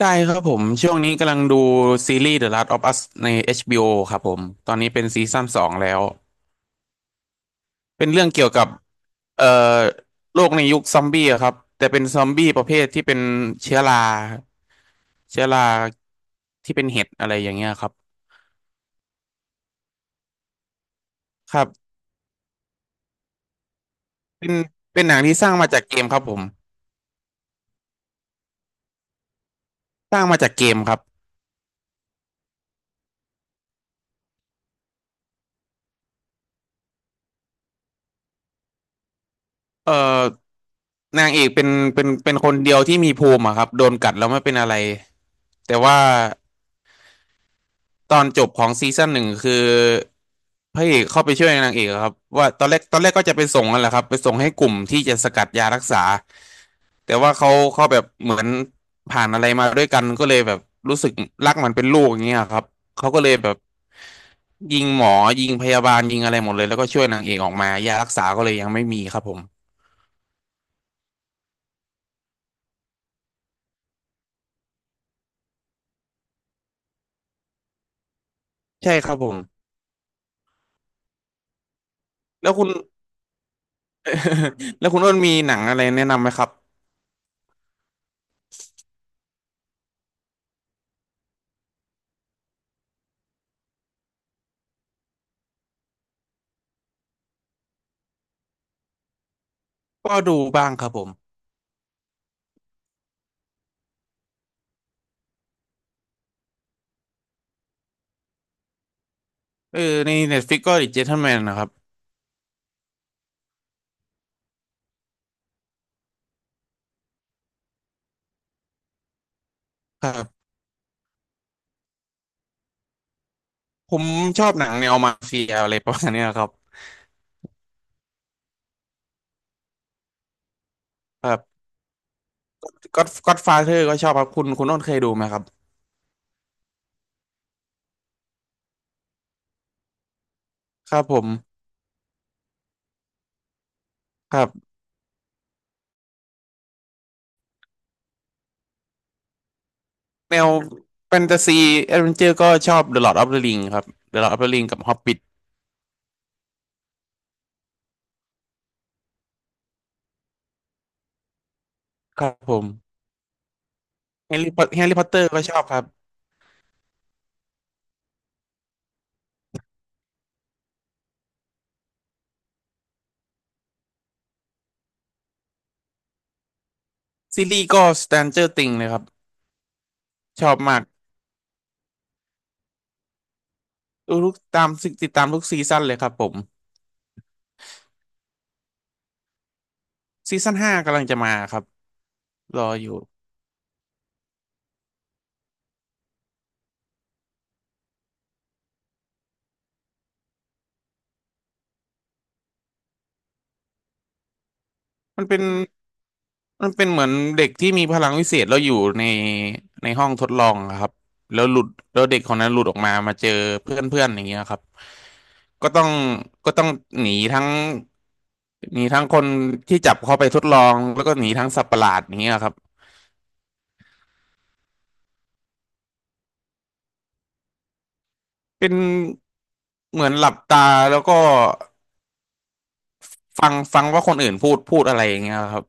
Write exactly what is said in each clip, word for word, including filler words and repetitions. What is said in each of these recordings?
ได้ครับผมช่วงนี้กำลังดูซีรีส์ The Last of Us ใน เอช บี โอ ครับผมตอนนี้เป็นซีซั่นสองแล้วเป็นเรื่องเกี่ยวกับเอ่อโลกในยุคซอมบี้อะครับแต่เป็นซอมบี้ประเภทที่เป็นเชื้อราเชื้อราที่เป็นเห็ดอะไรอย่างเงี้ยครับครับเป็นเป็นหนังที่สร้างมาจากเกมครับผมสร้างมาจากเกมครับเอ่อนางเอกเป็นเป็นเป็นคนเดียวที่มีภูมิอะครับโดนกัดแล้วไม่เป็นอะไรแต่ว่า ตอนจบของซีซั่นหนึ่งคือพระเอกเข้าไปช่วยนางเอกอะครับว่าตอนแรกตอนแรกก็จะไปส่งนั่นแหละครับไปส่งให้กลุ่มที่จะสกัดยารักษาแต่ว่าเขาเขาแบบเหมือนผ่านอะไรมาด้วยกันก็เลยแบบรู้สึกรักมันเป็นลูกอย่างเงี้ยครับเขาก็เลยแบบยิงหมอยิงพยาบาลยิงอะไรหมดเลยแล้วก็ช่วยนางเอกออกมายารักษาก็เลยยังไม่มีครับผมใช่ครับผมแล้วคุณ แล้วคุณอ้นมีหนังอะไรแนะนำไหมครับก็ดูบ้างครับผมเออใน Netflix ก็ The Gentleman นะครับ ครับผมชอบหนังแนวมาเฟียอะไรประมาณเนี้ยครับครับก็ก็อดฟาเธอร์ก็ชอบครับคุณคุณโน้นเคยดูไหมครับครับผมครับแนวแฟนตาซีแอดเวนเจอร์ก็ชอบ The Lord of the Ring ครับ The Lord of the Ring กับ Hobbit ครับผมแฮร์รี่พอตแฮร์รี่พอตเตอร์ก็ชอบครับซีรีส์ก็ Stranger Things เลยครับชอบมากดูทุกตามติดตามทุกซีซั่นเลยครับผมซีซั่นห้ากำลังจะมาครับรออยู่มันเป็น มันเป็นเหมือนเด็กที่มีพลังวิเศษแล้วอยู่ในในห้องทดลองอะครับแล้วหลุดแล้วเด็กคนนั้นหลุดออกมามาเจอเพื่อนเพื่อนอย่างเงี้ยครับก็ต้องก็ต้องหนีทั้งหนีทั้งคนที่จับเขาไปทดลองแล้วก็หนีทั้งสัตว์ประหลาดอย่างเงี้ยครับเป็นเหมือนหลับตาแล้วก็ฟังฟังว่าคนอื่นพูดพูดอะไรอย่างเงี้ยครับ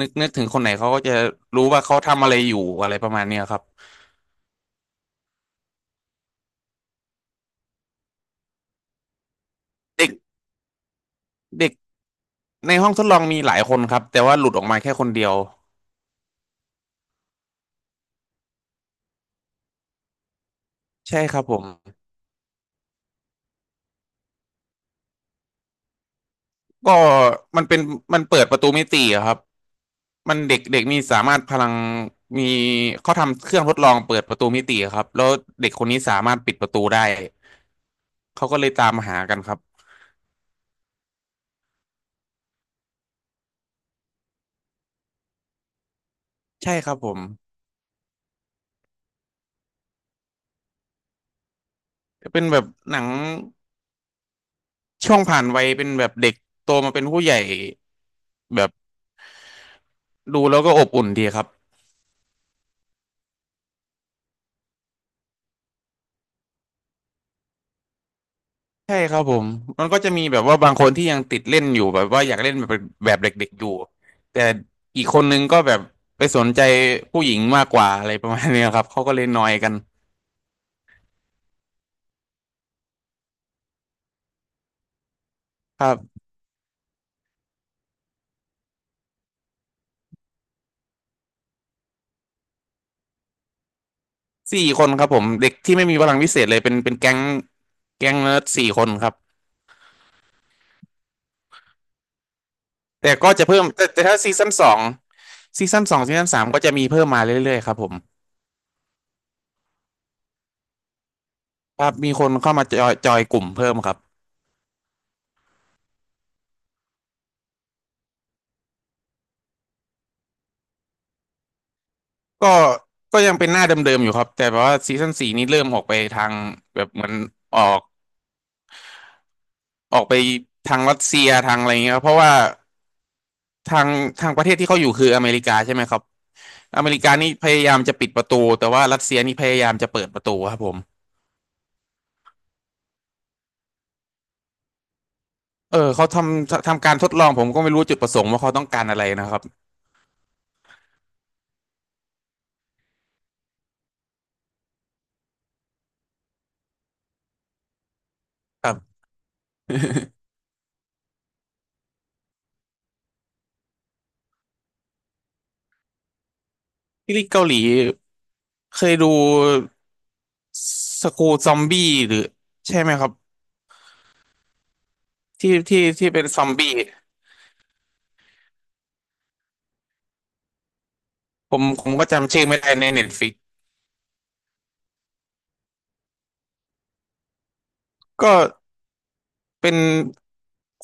นึกนึกถึงคนไหนเขาก็จะรู้ว่าเขาทำอะไรอยู่อะไรประมาณเนี้ยครับเด็กเด็กในห้องทดลองมีหลายคนครับแต่ว่าหลุดออกมาแค่คนเดียว ใช่ครับผมก็มันเป็นมันเปิดประตูมิติอะครับมันเด็กเด็กมีสามารถพลังมีเขาทำเครื่องทดลองเปิดประตูมิติอะครับแล้วเด็กคนนี้สามารถปิดประตูได้เขาก็เลยตามหากันครับใช่ครับผมเป็นแบบหนังช่วงผ่านวัยเป็นแบบเด็กโตมาเป็นผู้ใหญ่แบบดูแล้วก็อบอุ่นดีครับ ใช่ครับผม มันก็จะมีแบบว่าบางคนที่ยังติดเล่นอยู่แบบว่าอยากเล่นแบบแบบเด็กๆอยู่แต่อีกคนนึงก็แบบไปสนใจผู้หญิงมากกว่าอะไรประมาณเนี้ยครับเขาก็เลยนอยกันครับสี่คนครับผมเด็กที่ไม่มีพลังพิเศษเลยเป็นเป็นแก๊งแก๊งเนิร์ดสี่คนครับแต่ก็จะเพิ่มแต่แต่ถ้าซีซั่นสองซีซั่นสองซีซั่นสามก็จะมีเพิ่มมาเรื่อยๆครับผมครับมีคนเข้ามาจอยจอยกลุ่มเพิ่มครับ ก็ก็ยังเป็นหน้าเดิมๆอยู่ครับแต่แบบว่าซีซั่นสี่นี้เริ่มออกไปทางแบบเหมือนออกออกไปทางรัสเซียทางอะไรเงี้ยครับเพราะว่าทางทางประเทศที่เขาอยู่คืออเมริกาใช่ไหมครับอเมริกานี่พยายามจะปิดประตูแต่ว่ารัสเซียนี่พยายามจะเปิดประตูครับผมเออเขาทำทำการทดลองผมก็ไม่รู้จุดประสงค์ว่าเขาต้องการอะไรนะครับครับ ที่เกาหลีเคยดูสกูซอมบี้หรือใช่ไหมครับที่ที่ที่เป็นซอมบี้ผมผมก็จำชื่อไม่ได้ในเน็ตฟิก ก็เป็น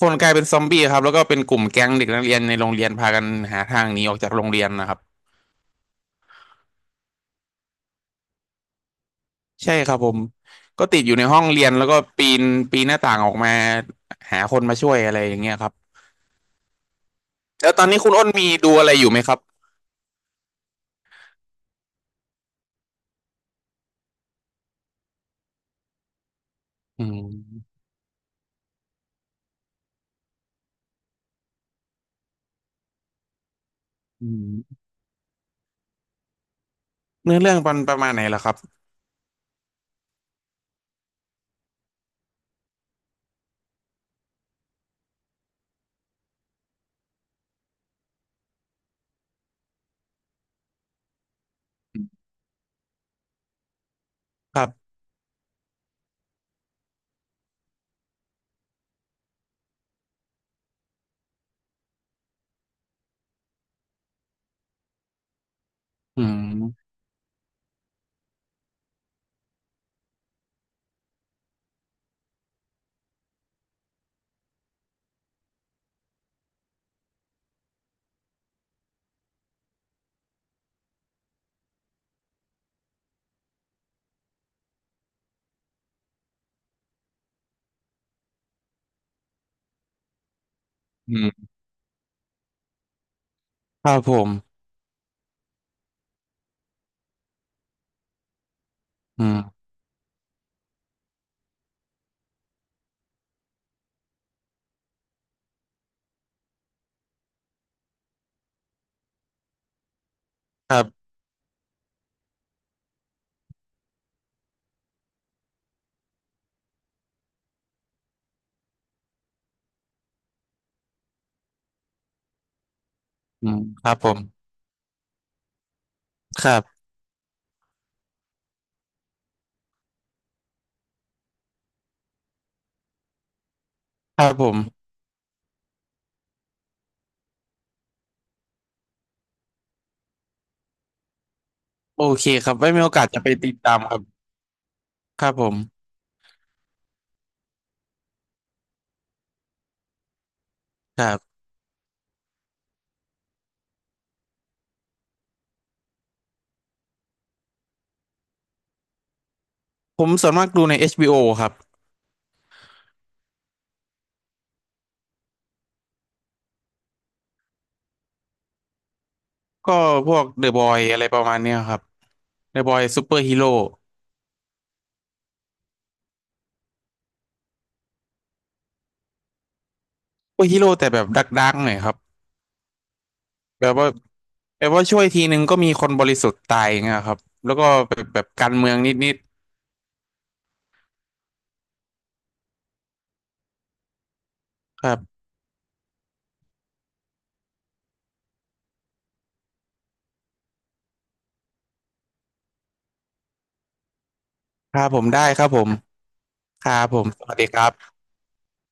คนกลายเป็นซอมบี้ครับแล้วก็เป็นกลุ่มแก๊งเด็กนักเรียนในโรงเรียนพากันหาทางหนีออกจากโรงเรียนนะครับใช่ครับผมก็ติดอยู่ในห้องเรียนแล้วก็ปีนปีนหน้าต่างออกมาหาคนมาช่วยอะไรอย่างเงี้ยครับแล้วตอนนี้คุณอ้นมีดูอะไรอยู่ไหมครับอืมอืมเนื้อเรื่องมันประมาณไหนล่ะครับครับอืมอืมครับผมอืมครับอืมครับผมครับครับผมโอเคครับไว้มีโอกาสจะไปติดตามครับครับผมครับ ผมส่วนมากดูใน เอช บี โอ ครับ ก็พวก The Boy อะไรประมาณเนี้ยครับ The Boy Super Hero โร่ซฮีโร่แต่แบบดักๆหน่อยครับแบบว่าแบบว่าช่วยทีนึงก็มีคนบริสุทธิ์ตายงเงี้ยครับแล้วก็แบบแบบการเมืองนิดๆครับครับผมได้ครับผมครับผมสวัสดีครับ